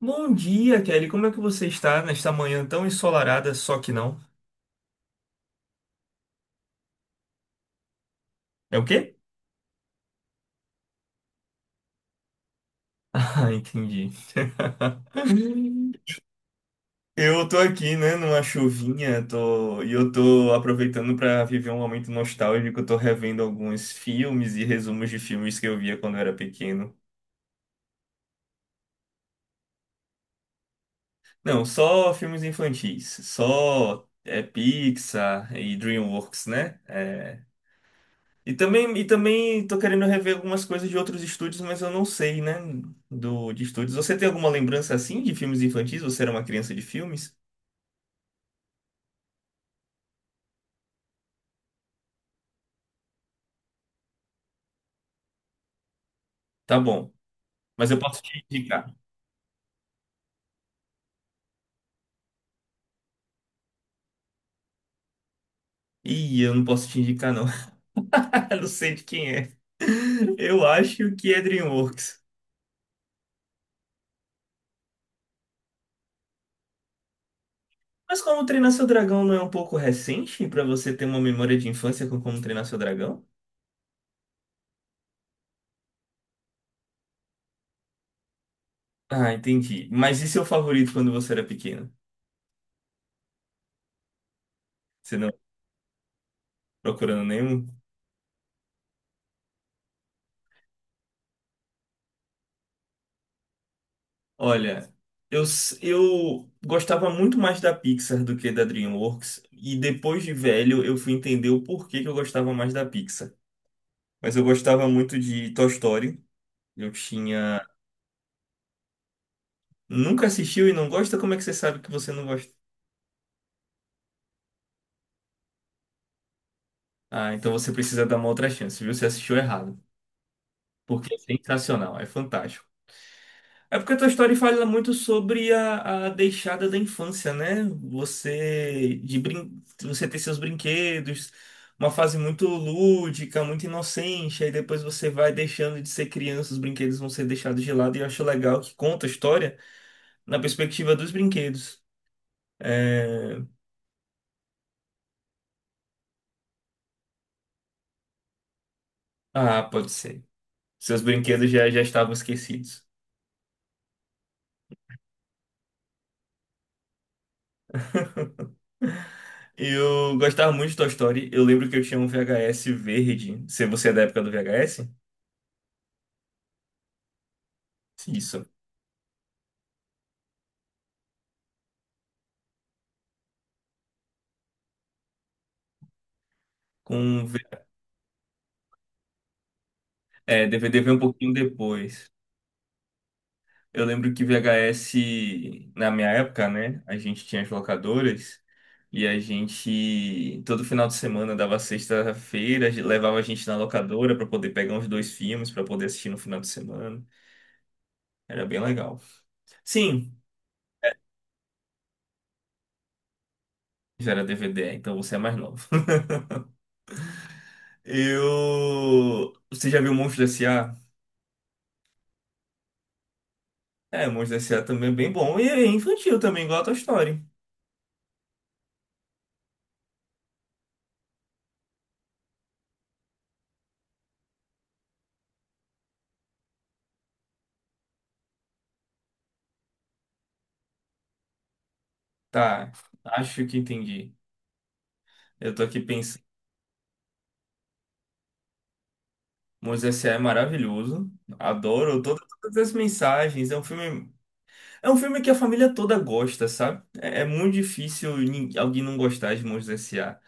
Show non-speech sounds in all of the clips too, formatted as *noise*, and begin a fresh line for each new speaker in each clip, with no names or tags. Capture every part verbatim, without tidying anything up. Bom dia, Kelly. Como é que você está nesta manhã tão ensolarada, só que não? É o quê? *laughs* Ah, entendi. *laughs* Eu tô aqui, né, numa chuvinha, tô... e eu tô aproveitando para viver um momento nostálgico. Eu Tô revendo alguns filmes e resumos de filmes que eu via quando eu era pequeno. Não, só filmes infantis, só é, Pixar e DreamWorks, né? É, E também, e também tô querendo rever algumas coisas de outros estúdios, mas eu não sei, né? Do, de estúdios. Você tem alguma lembrança assim de filmes infantis? Você era uma criança de filmes? Tá bom. Mas eu posso te indicar. Ih, eu não posso te indicar, não. *laughs* Não sei de quem é. Eu acho que é DreamWorks. Mas Como Treinar Seu Dragão não é um pouco recente pra você ter uma memória de infância com Como Treinar Seu Dragão? Ah, entendi. Mas e seu favorito quando você era pequeno? Você não tá procurando nenhum? Olha, eu, s- eu gostava muito mais da Pixar do que da DreamWorks, e depois de velho eu fui entender o porquê que eu gostava mais da Pixar. Mas eu gostava muito de Toy Story. Eu tinha. Nunca assistiu e não gosta? Como é que você sabe que você não gosta? Ah, então você precisa dar uma outra chance, viu? Você assistiu errado. Porque é sensacional, é fantástico. É porque a tua história fala muito sobre a, a deixada da infância, né? Você de brin... você ter seus brinquedos, uma fase muito lúdica, muito inocente, aí depois você vai deixando de ser criança, os brinquedos vão ser deixados de lado, e eu acho legal que conta a história na perspectiva dos brinquedos. É, ah, pode ser. Seus brinquedos já, já estavam esquecidos. Eu gostava muito de Toy Story. Eu lembro que eu tinha um V H S verde. Se você é da época do V H S? Isso com É, D V D veio um pouquinho depois. Eu lembro que V H S, na minha época, né? A gente tinha as locadoras e a gente, todo final de semana, dava sexta-feira, a gente- levava a gente na locadora para poder pegar uns dois filmes, para poder assistir no final de semana. Era bem legal. Sim, já era D V D, então você é mais novo. *laughs* Eu. Você já viu Monstros S A? É, Monstros S A também é bem bom. E é infantil também, igual a Toy Story. Tá, acho que entendi. Eu tô aqui Moisés é maravilhoso. Adoro toda- todas as mensagens. É um filme, é um filme que a família toda gosta, sabe? É, é muito difícil nin- alguém não gostar de Monstros S A.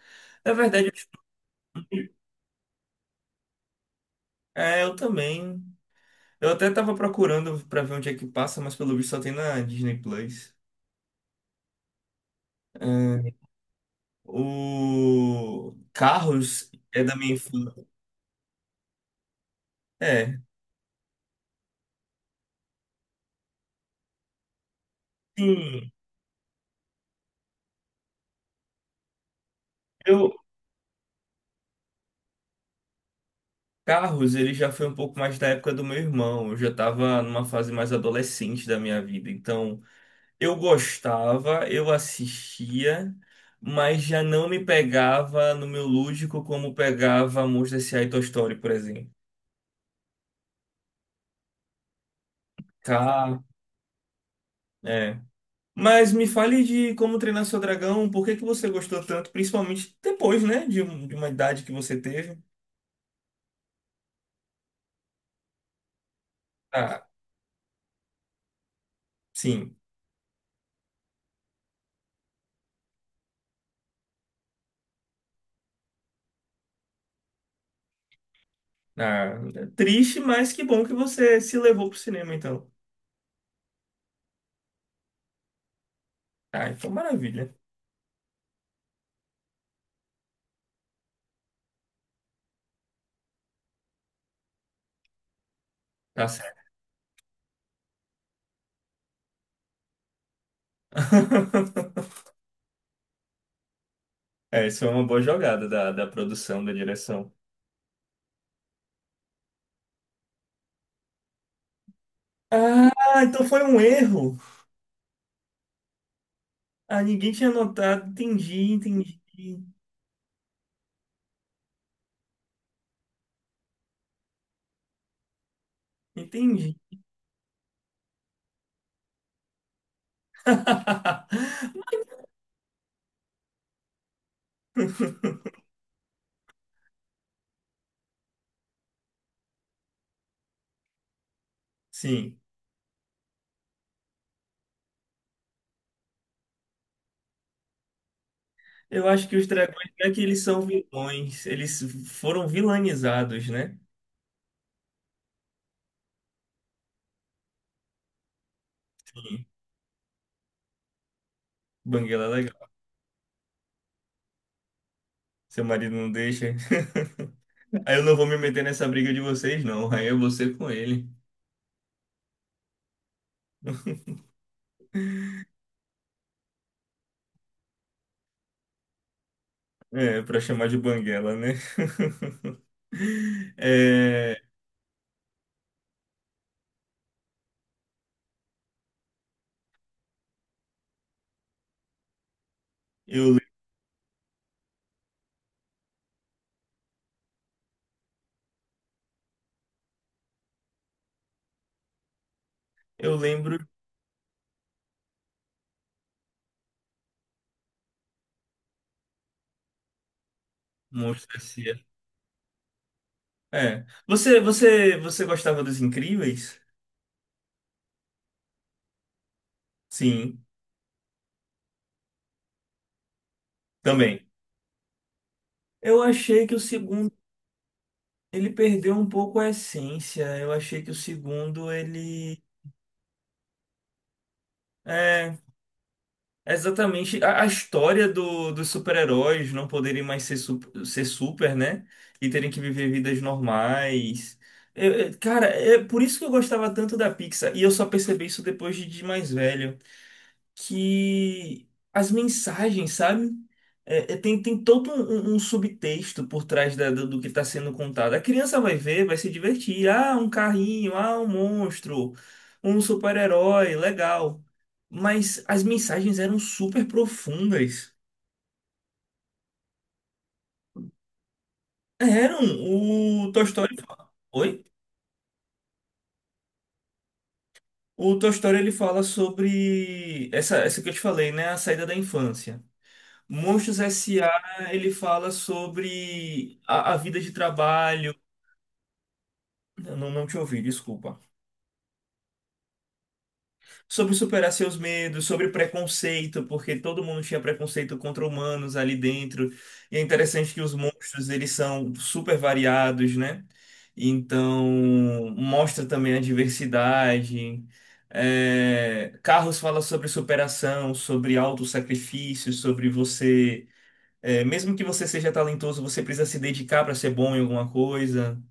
Na verdade, é, eu também. Eu até tava procurando pra ver onde é que passa, mas pelo visto só tem na Disney Plus. É, o Carros é da minha infância. É, sim. Eu Carros, ele já foi um pouco mais da época do meu irmão. Eu já tava numa fase mais adolescente da minha vida, então eu gostava, eu assistia, mas já não me pegava no meu lúdico como pegava Monstros S A e Toy Story, por exemplo. Tá, é. Mas me fale de Como Treinar Seu Dragão, por que que você gostou tanto, principalmente depois, né, de, um- de uma idade que você teve? Ah, sim. Ah, é triste, mas que bom que você se levou pro cinema, então. Ah, então maravilha. Tá certo. *laughs* É, isso é uma boa jogada da, da produção, da direção. Ah, então foi um erro. Ah, ninguém tinha notado. Entendi, entendi, entendi. *laughs* Sim, eu acho que os dragões não é que eles são vilões, eles foram vilanizados, né? Sim, Banguela é legal. Seu marido não deixa. *laughs* Aí eu não vou me meter nessa briga de vocês, não. Aí é você com ele. *laughs* É, pra chamar de banguela, né? *laughs* É, eu, eu lembro. Monstro S A. É. Você, você, você gostava dos Incríveis? Sim, também. Eu achei que o segundo ele perdeu um pouco a essência. Eu achei que o segundo ele é exatamente a, a história do, dos super-heróis não poderem mais ser, sup- ser super, né? E terem que viver vidas normais. Eu- eu- cara, é por isso que eu gostava tanto da Pixar. E eu só percebi isso depois de, de mais velho. Que as mensagens, sabe? É, é, tem, tem todo um, um- um subtexto por trás da- do, do que está sendo contado. A criança vai ver, vai se divertir. Ah, um carrinho, ah, um monstro, um super-herói, legal. Mas as mensagens eram super profundas. Eram. O Toy Story. Oi? O Toy Story ele fala sobre essa, essa que eu te falei, né? A saída da infância. Monstros S A ele fala sobre a, a vida de trabalho. Eu Não, não te ouvi, desculpa. Sobre superar seus medos, sobre preconceito, porque todo mundo tinha preconceito contra humanos ali dentro. E é interessante que os monstros eles são super variados, né? Então mostra também a diversidade. É, Carros fala sobre superação, sobre autossacrifício, sobre você. É, mesmo que você seja talentoso, você precisa se dedicar para ser bom em alguma coisa.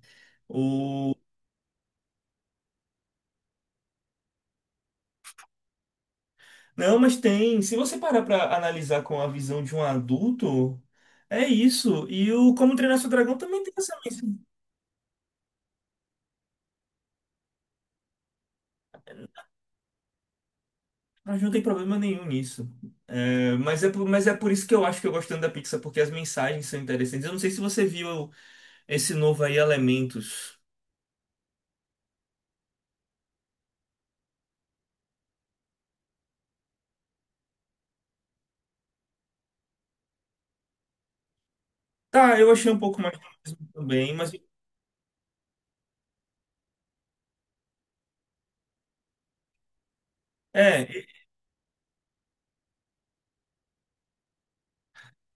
Não, mas tem. Se você parar para analisar com a visão de um adulto, é isso. E o Como Treinar Seu Dragão também tem essa mensagem. Mas não tem problema nenhum nisso. É, mas, é, por- mas é por isso que eu acho que eu gosto tanto da Pixar, porque as mensagens são interessantes. Eu não sei se você viu esse novo aí, Elementos. Tá, eu achei um pouco mais também, mas. É,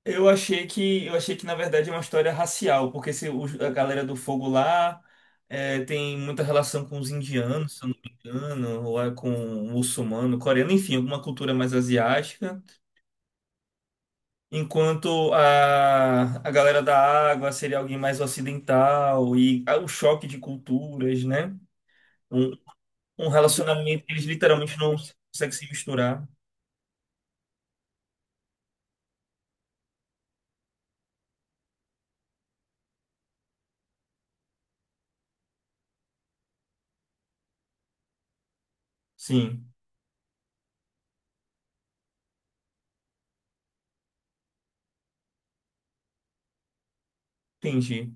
Eu achei que, eu achei que na verdade é uma história racial, porque se os- a galera do fogo lá é, tem muita relação com os indianos, se eu não me engano, ou é com o muçulmano, coreano, enfim, alguma cultura mais asiática. Enquanto a, a galera da água seria alguém mais ocidental e ah, o choque de culturas, né? Um, um relacionamento que eles literalmente não conseguem se misturar. Sim, entendi.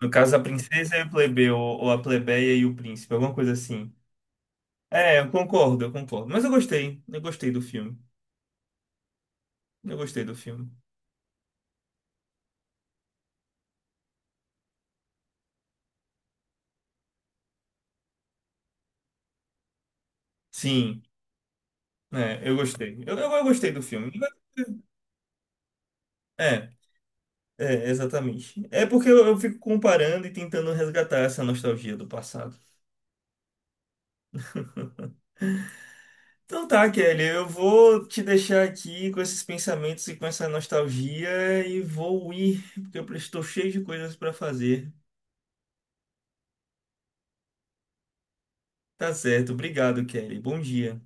No caso, a princesa e o plebeu, ou a plebeia e o príncipe, alguma coisa assim. É, eu concordo, eu concordo. Mas eu gostei, eu gostei do filme. Eu gostei do filme. Sim, é, eu gostei. Eu, eu, eu gostei do filme. É, é, exatamente. É porque eu, eu fico comparando e tentando resgatar essa nostalgia do passado. Então tá, Kelly, eu vou te deixar aqui com esses pensamentos e com essa nostalgia e vou ir, porque eu estou cheio de coisas para fazer. Tá certo, obrigado, Kelly. Bom dia.